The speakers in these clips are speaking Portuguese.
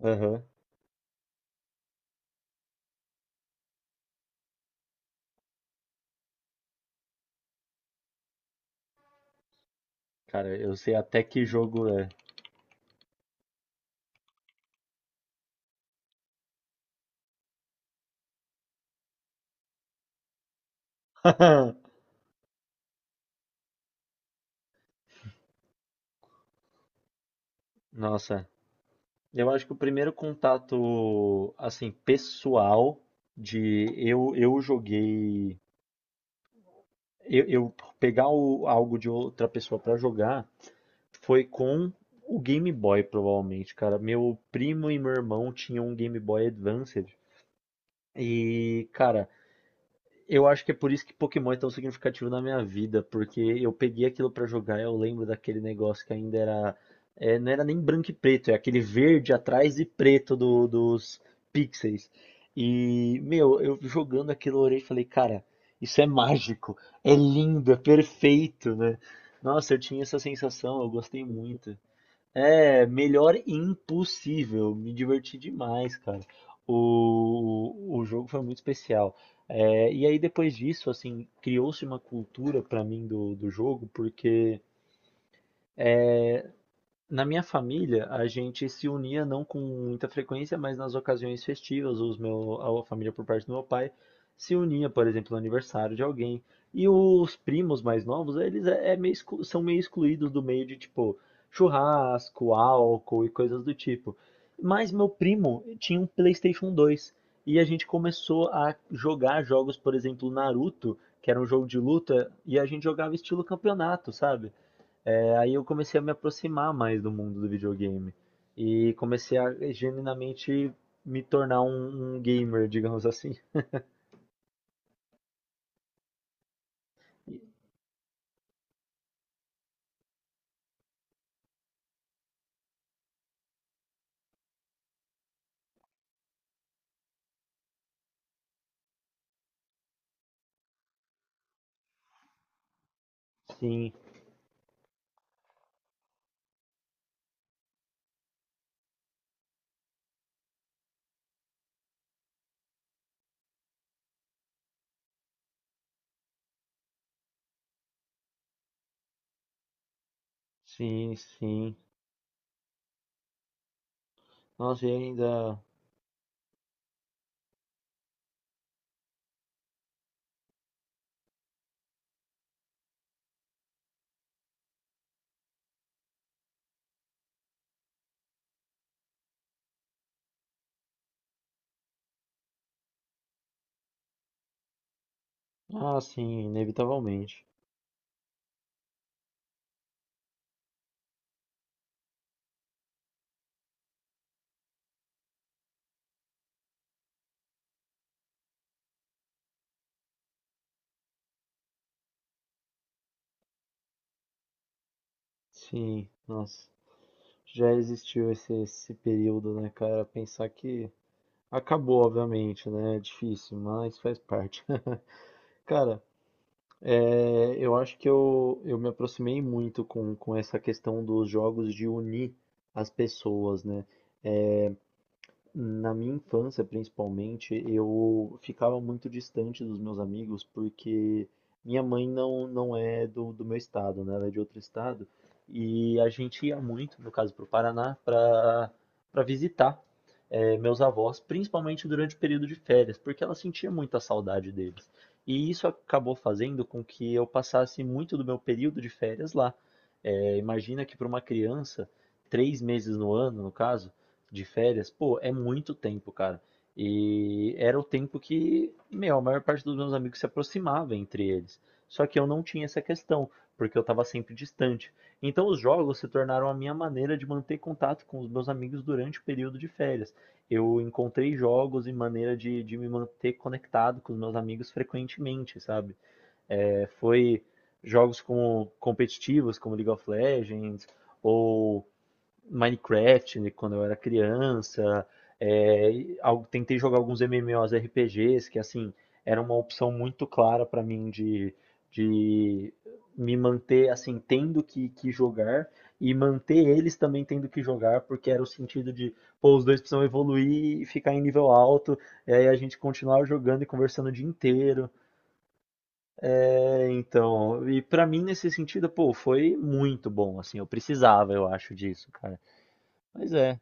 Aham. Cara, eu sei até que jogo é. Nossa, eu acho que o primeiro contato, assim, pessoal de eu joguei, eu pegar o- algo de outra pessoa pra jogar foi com o Game Boy, provavelmente, cara. Meu primo e meu irmão tinham um Game Boy Advance. E, cara, eu acho que é por isso que Pokémon é tão significativo na minha vida, porque eu peguei aquilo pra jogar. Eu lembro daquele negócio que ainda era, não era nem branco e preto, é aquele verde atrás e preto do- dos pixels. E, meu, eu jogando aquilo, eu orei e falei, cara, isso é mágico, é lindo, é perfeito, né? Nossa, eu tinha essa sensação, eu gostei muito. É, melhor impossível. Me diverti demais, cara. O jogo foi muito especial. É, e aí depois disso, assim, criou-se uma cultura pra mim do jogo, porque na minha família, a gente se unia não com muita frequência, mas nas ocasiões festivas, os meu, a família por parte do meu pai se unia, por exemplo, no aniversário de alguém. E os primos mais novos, é meio exclu- são meio excluídos do meio de tipo churrasco, álcool e coisas do tipo. Mas meu primo tinha um PlayStation 2 e a gente começou a jogar jogos, por exemplo, Naruto, que era um jogo de luta, e a gente jogava estilo campeonato, sabe? É, aí eu comecei a me aproximar mais do mundo do videogame e comecei a genuinamente me tornar um gamer, digamos assim. Sim, sim, sim. Nossa, e ainda. Ah, sim, inevitavelmente. Sim, nossa. Já existiu esse período, né, cara? Pensar que acabou, obviamente, né? É difícil, mas faz parte. Cara, é, eu acho que eu me aproximei muito com essa questão dos jogos de unir as pessoas, né? Na minha infância, principalmente, eu ficava muito distante dos meus amigos porque minha mãe não é do meu estado, né? Ela é de outro estado. E a gente ia muito, no caso, para o Paraná, para visitar meus avós, principalmente durante o período de férias, porque ela sentia muita saudade deles. E isso acabou fazendo com que eu passasse muito do meu período de férias lá. Imagina que para uma criança, três meses no ano, no caso de férias, pô, é muito tempo, cara. E era o tempo que, meu, a maior parte dos meus amigos se aproximava entre eles. Só que eu não tinha essa questão, porque eu estava sempre distante. Então os jogos se tornaram a minha maneira de manter contato com os meus amigos durante o período de férias. Eu encontrei jogos e maneira de me manter conectado com os meus amigos frequentemente, sabe? É, foi jogos como competitivos, como League of Legends, ou Minecraft, né, quando eu era criança, é, e al- tentei jogar alguns MMORPGs que assim era uma opção muito clara para mim de me manter assim tendo que jogar e manter eles também tendo que jogar porque era o sentido de pô, os dois precisam evoluir e ficar em nível alto e aí a gente continuar jogando e conversando o dia inteiro. É, então, e pra mim nesse sentido, pô, foi muito bom, assim, eu precisava, eu acho, disso, cara. Mas é.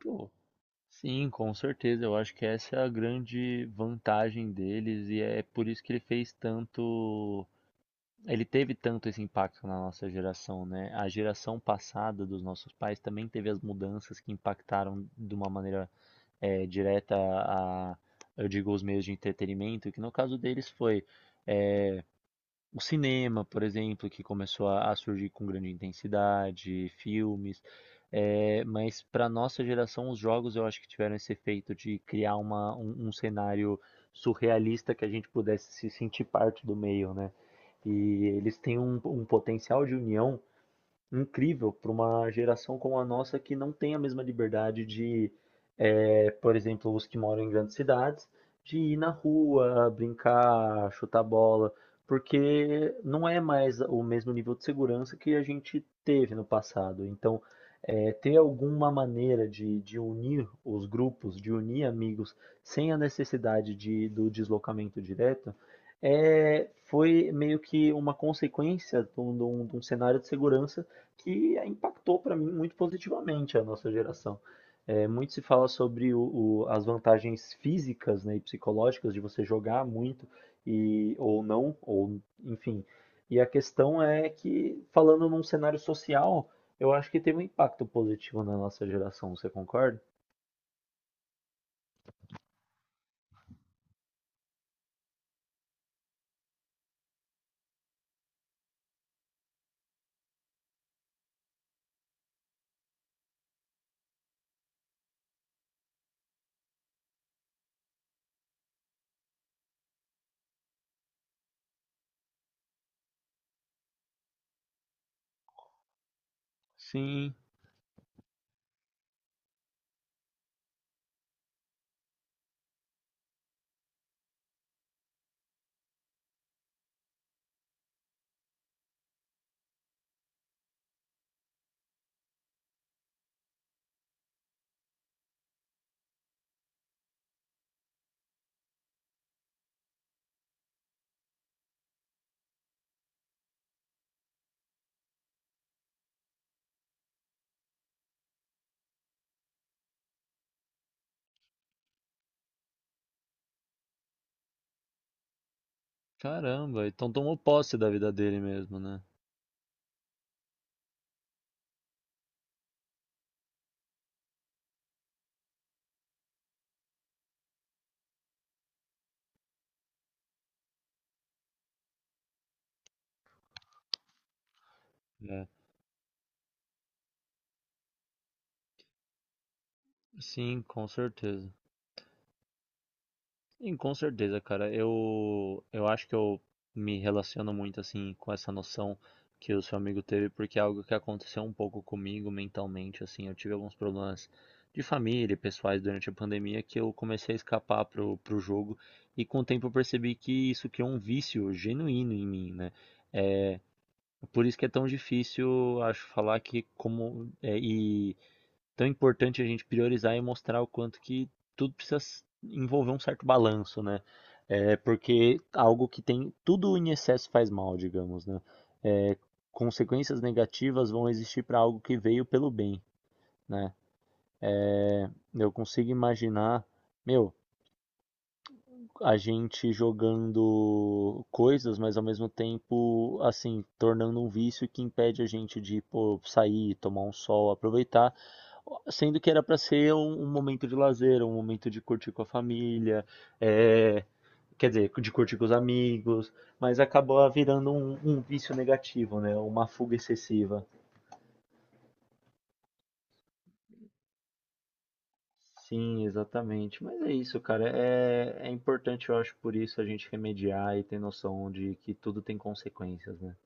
Pô, sim, com certeza. Eu acho que essa é a grande vantagem deles e é por isso que ele fez tanto. Ele teve tanto esse impacto na nossa geração, né? A geração passada dos nossos pais também teve as mudanças que impactaram de uma maneira direta a, eu digo, os meios de entretenimento, que no caso deles foi eh, o cinema, por exemplo, que começou a surgir com grande intensidade, filmes, mas para nossa geração os jogos eu acho que tiveram esse efeito de criar uma um cenário surrealista que a gente pudesse se sentir parte do meio, né. E eles têm um potencial de união incrível para uma geração como a nossa que não tem a mesma liberdade de, por exemplo, os que moram em grandes cidades, de ir na rua, brincar, chutar bola, porque não é mais o mesmo nível de segurança que a gente teve no passado. Então, ter alguma maneira de unir os grupos, de unir amigos, sem a necessidade de, do deslocamento direto, foi meio que uma consequência de de um cenário de segurança que impactou para mim muito positivamente a nossa geração. É, muito se fala sobre as vantagens físicas, né, e psicológicas de você jogar muito e ou não, ou enfim. E a questão é que, falando num cenário social, eu acho que teve um impacto positivo na nossa geração, você concorda? Sim, caramba. Então tomou posse da vida dele mesmo, né? É. Sim, com certeza. Sim, com certeza, cara. Eu acho que eu me relaciono muito assim com essa noção que o seu amigo teve, porque é algo que aconteceu um pouco comigo mentalmente, assim, eu tive alguns problemas de família e pessoais durante a pandemia que eu comecei a escapar pro jogo e com o tempo eu percebi que isso criou um vício genuíno em mim, né? É, por isso que é tão difícil, acho, falar que como é, e tão importante a gente priorizar e mostrar o quanto que tudo precisa envolver um certo balanço, né? É porque algo que tem tudo em excesso faz mal, digamos, né? É, consequências negativas vão existir para algo que veio pelo bem, né? É, eu consigo imaginar, meu, a gente jogando coisas, mas ao mesmo tempo, assim, tornando um vício que impede a gente de, pô, sair, tomar um sol, aproveitar, sendo que era para ser um momento de lazer, um momento de curtir com a família, é, quer dizer, de curtir com os amigos, mas acabou virando um vício negativo, né? Uma fuga excessiva. Sim, exatamente. Mas é isso, cara. É, é importante, eu acho, por isso a gente remediar e ter noção de que tudo tem consequências, né?